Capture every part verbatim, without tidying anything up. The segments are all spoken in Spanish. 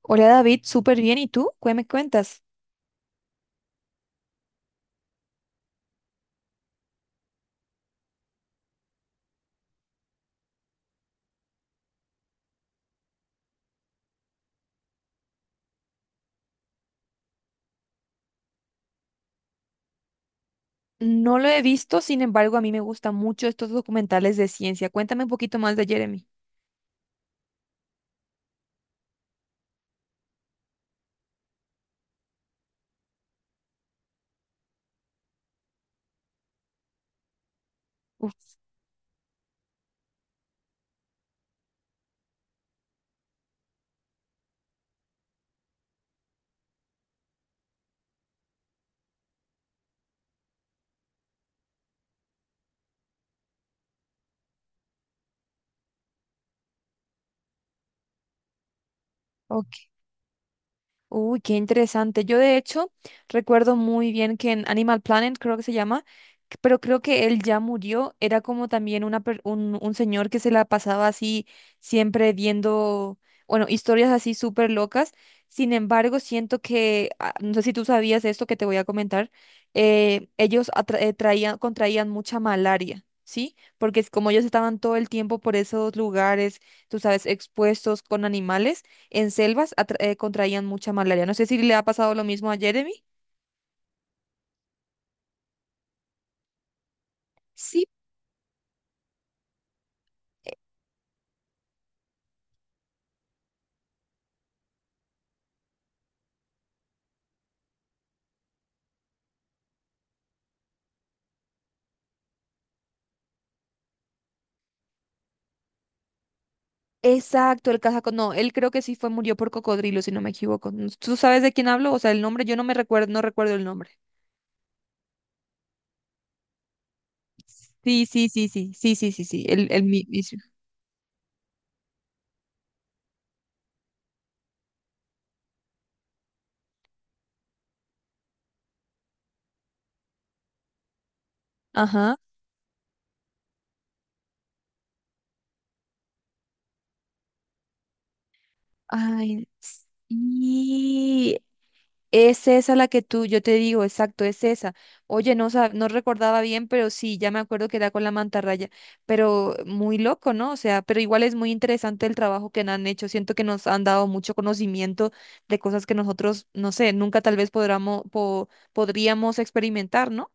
Hola David, súper bien. ¿Y tú? ¿Qué me cuentas? No lo he visto, sin embargo, a mí me gustan mucho estos documentales de ciencia. Cuéntame un poquito más de Jeremy. Uf. Ok. Uy, qué interesante. Yo de hecho recuerdo muy bien que en Animal Planet, creo que se llama, que- pero creo que él ya murió. Era como también una, per- un, un señor que se la pasaba así siempre viendo, bueno, historias así súper locas. Sin embargo, siento que, ah, no sé si tú sabías esto que te voy a comentar, eh, ellos atra- eh, traían, contraían mucha malaria. ¿Sí? Porque es como ellos estaban todo el tiempo por esos lugares, tú sabes, expuestos con animales en selvas atra- eh, contraían mucha malaria. No sé si le ha pasado lo mismo a Jeremy. Sí, exacto, el cazaco. No, él creo que sí fue, murió por cocodrilo, si no me equivoco. No- ¿Tú sabes de quién hablo? O sea, el nombre, yo no me recuerdo, no recuerdo el nombre. Sí, sí, sí, sí, sí, sí, sí, sí, el, el mi- mismo. Ajá. Ay, sí. Es esa la que tú, yo te digo, exacto, es esa. Oye, no, sab- no recordaba bien, pero sí, ya me acuerdo que era con la mantarraya, pero muy loco, ¿no? O sea, pero igual es muy interesante el trabajo que han hecho. Siento que nos han dado mucho conocimiento de cosas que nosotros, no sé, nunca tal vez podramos, po- podríamos experimentar, ¿no?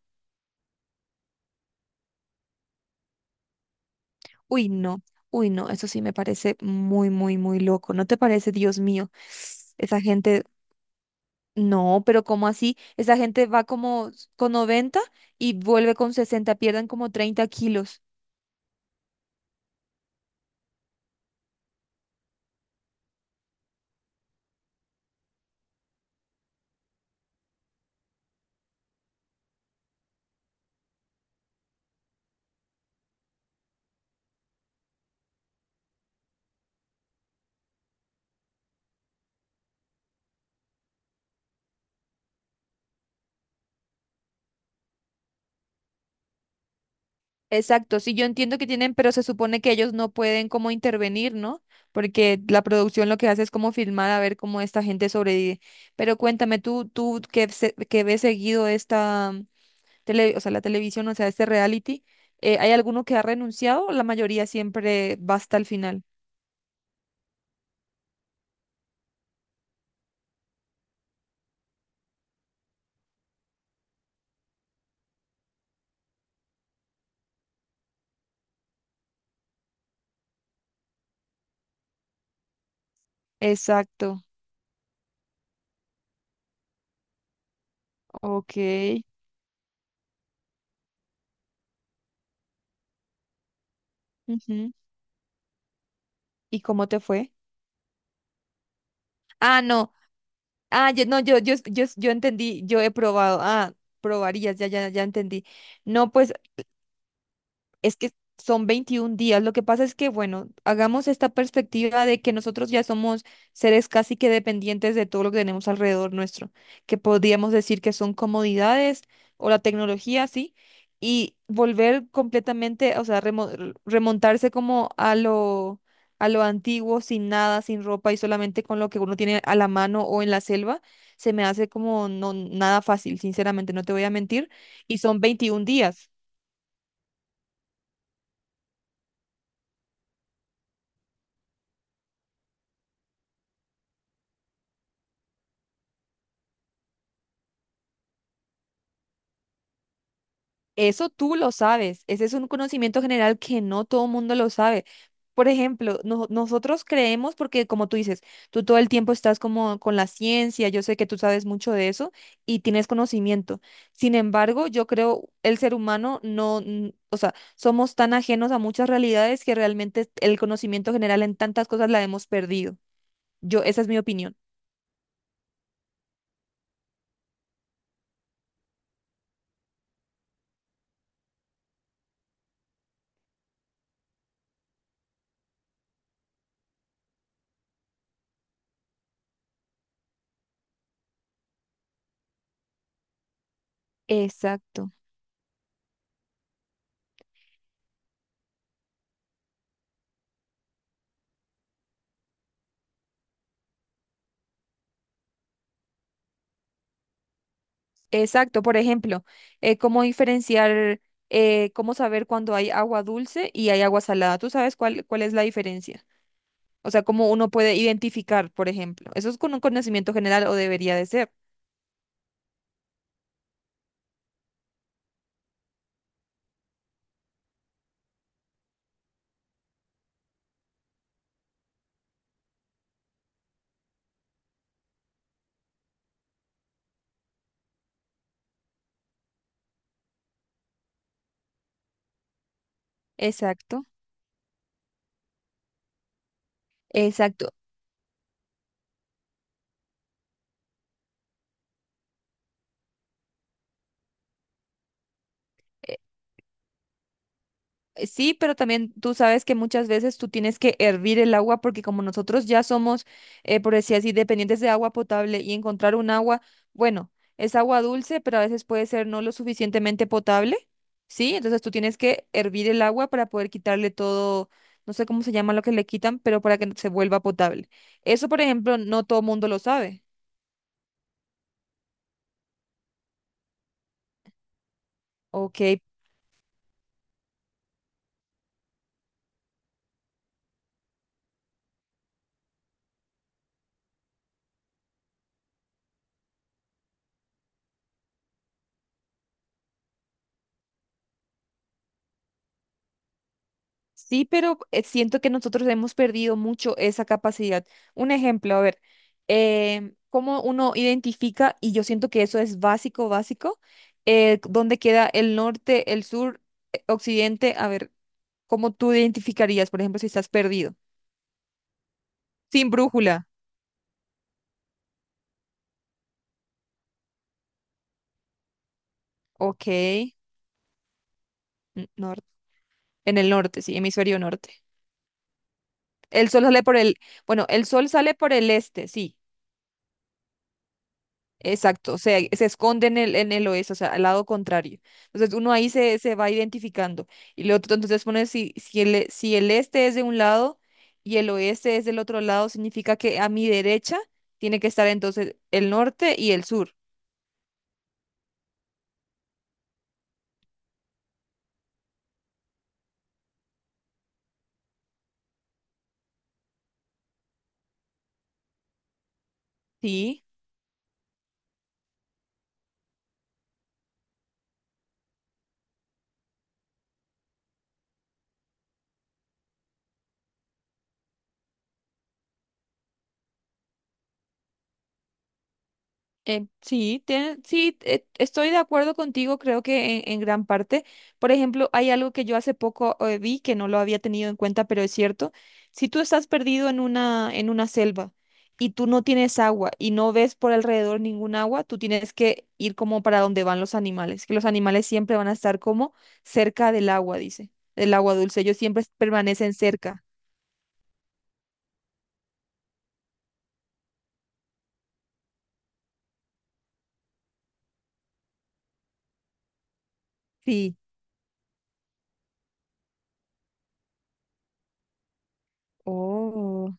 Uy, no, uy, no, eso sí me parece muy, muy, muy loco. ¿No te parece, Dios mío? Esa gente. No, pero ¿cómo así? Esa gente va como s- con noventa y vuelve con sesenta, pierden como treinta kilos. Exacto, sí, yo entiendo que tienen, pero se supone que ellos no pueden como intervenir, ¿no? Porque la producción lo que hace es como filmar a ver cómo esta gente sobrevive. Pero cuéntame tú, tú que, se- que ves seguido esta mm, tele, o sea, la televisión, o sea, este reality, eh, ¿hay alguno que ha renunciado o la mayoría siempre va hasta el final? Exacto, ok. Ujú. ¿Y cómo te fue? Ah, no. Ah, yo, no, yo, yo, yo, yo entendí, yo he probado. Ah, probarías, ya, ya, ya entendí. No, pues. Es que son veintiún días. Lo que pasa es que, bueno, hagamos esta perspectiva de que nosotros ya somos seres casi que dependientes de todo lo que tenemos alrededor nuestro, que podríamos decir que son comodidades o la tecnología, sí, y volver completamente, o sea, remo- r- remontarse como a lo, a lo antiguo, sin nada, sin ropa y solamente con lo que uno tiene a la mano o en la selva, se me hace como no nada fácil, sinceramente, no te voy a mentir, y son veintiún días. Eso tú lo sabes, ese es un conocimiento general que no todo el mundo lo sabe. Por ejemplo, no- nosotros creemos, porque como tú dices, tú todo el tiempo estás como con la ciencia, yo sé que tú sabes mucho de eso y tienes conocimiento. Sin embargo, yo creo el ser humano no, n- o sea, somos tan ajenos a muchas realidades que realmente el conocimiento general en tantas cosas la hemos perdido. Yo, esa es mi opinión. Exacto. Exacto, por ejemplo, eh, cómo diferenciar, eh, cómo saber cuando hay agua dulce y hay agua salada. ¿Tú sabes cuál, cuál es la diferencia? O sea, cómo uno puede identificar, por ejemplo. Eso es con un conocimiento general o debería de ser. Exacto, exacto. eh, Sí, pero también tú sabes que muchas veces tú tienes que hervir el agua porque como nosotros ya somos, eh, por decir así, dependientes de agua potable y encontrar un agua, bueno, es agua dulce, pero a veces puede ser no lo suficientemente potable, ¿sí? Entonces tú tienes que hervir el agua para poder quitarle todo, no sé cómo se llama lo que le quitan, pero para que se vuelva potable. Eso, por ejemplo, no todo mundo lo sabe. Ok, sí, pero eh, siento que nosotros hemos perdido mucho esa capacidad. Un ejemplo, a ver, eh, cómo uno identifica, y yo siento que eso es básico, básico, eh, dónde queda el norte, el sur, eh, occidente, a ver, cómo tú identificarías, por ejemplo, si estás perdido, sin brújula, ok, n- nor- en el norte, sí, hemisferio norte. El sol sale por el, bueno, el sol sale por el este, sí. Exacto, se, se esconde en el, en el oeste, o sea, al lado contrario. Entonces uno ahí se, se va identificando. Y lo otro, entonces pone si, si el, e- si el este es de un lado y el oeste es del otro lado, significa que a mi derecha tiene que estar entonces el norte y el sur. Sí. Eh, sí, tiene- sí, eh, estoy de acuerdo contigo, creo que en, en gran parte. Por ejemplo, hay algo que yo hace poco eh, vi que no lo había tenido en cuenta, pero es cierto. Si tú estás perdido en una, en una selva y tú no tienes agua y no ves por alrededor ningún agua, tú tienes que ir como para donde van los animales, que los animales siempre van a estar como cerca del agua, dice, del agua dulce. Ellos siempre permanecen cerca. Sí. Oh.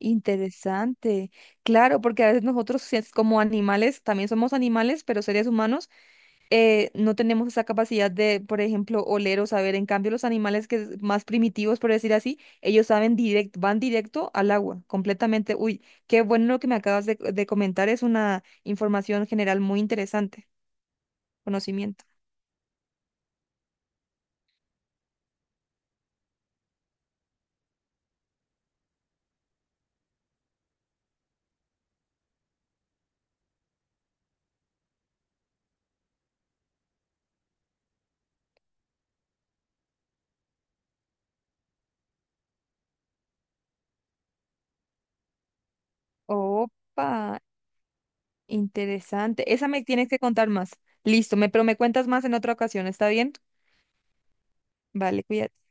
Interesante, claro, porque a veces nosotros si es como animales, también somos animales, pero seres humanos, eh, no tenemos esa capacidad de, por ejemplo, oler o saber. En cambio, los animales que es más primitivos, por decir así, ellos saben directo, van directo al agua, completamente. Uy, qué bueno lo que me acabas de, de comentar, es una información general muy interesante, conocimiento. Opa, interesante. Esa me tienes que contar más. Listo, me, pero me cuentas más en otra ocasión, ¿está bien? Vale, cuídate.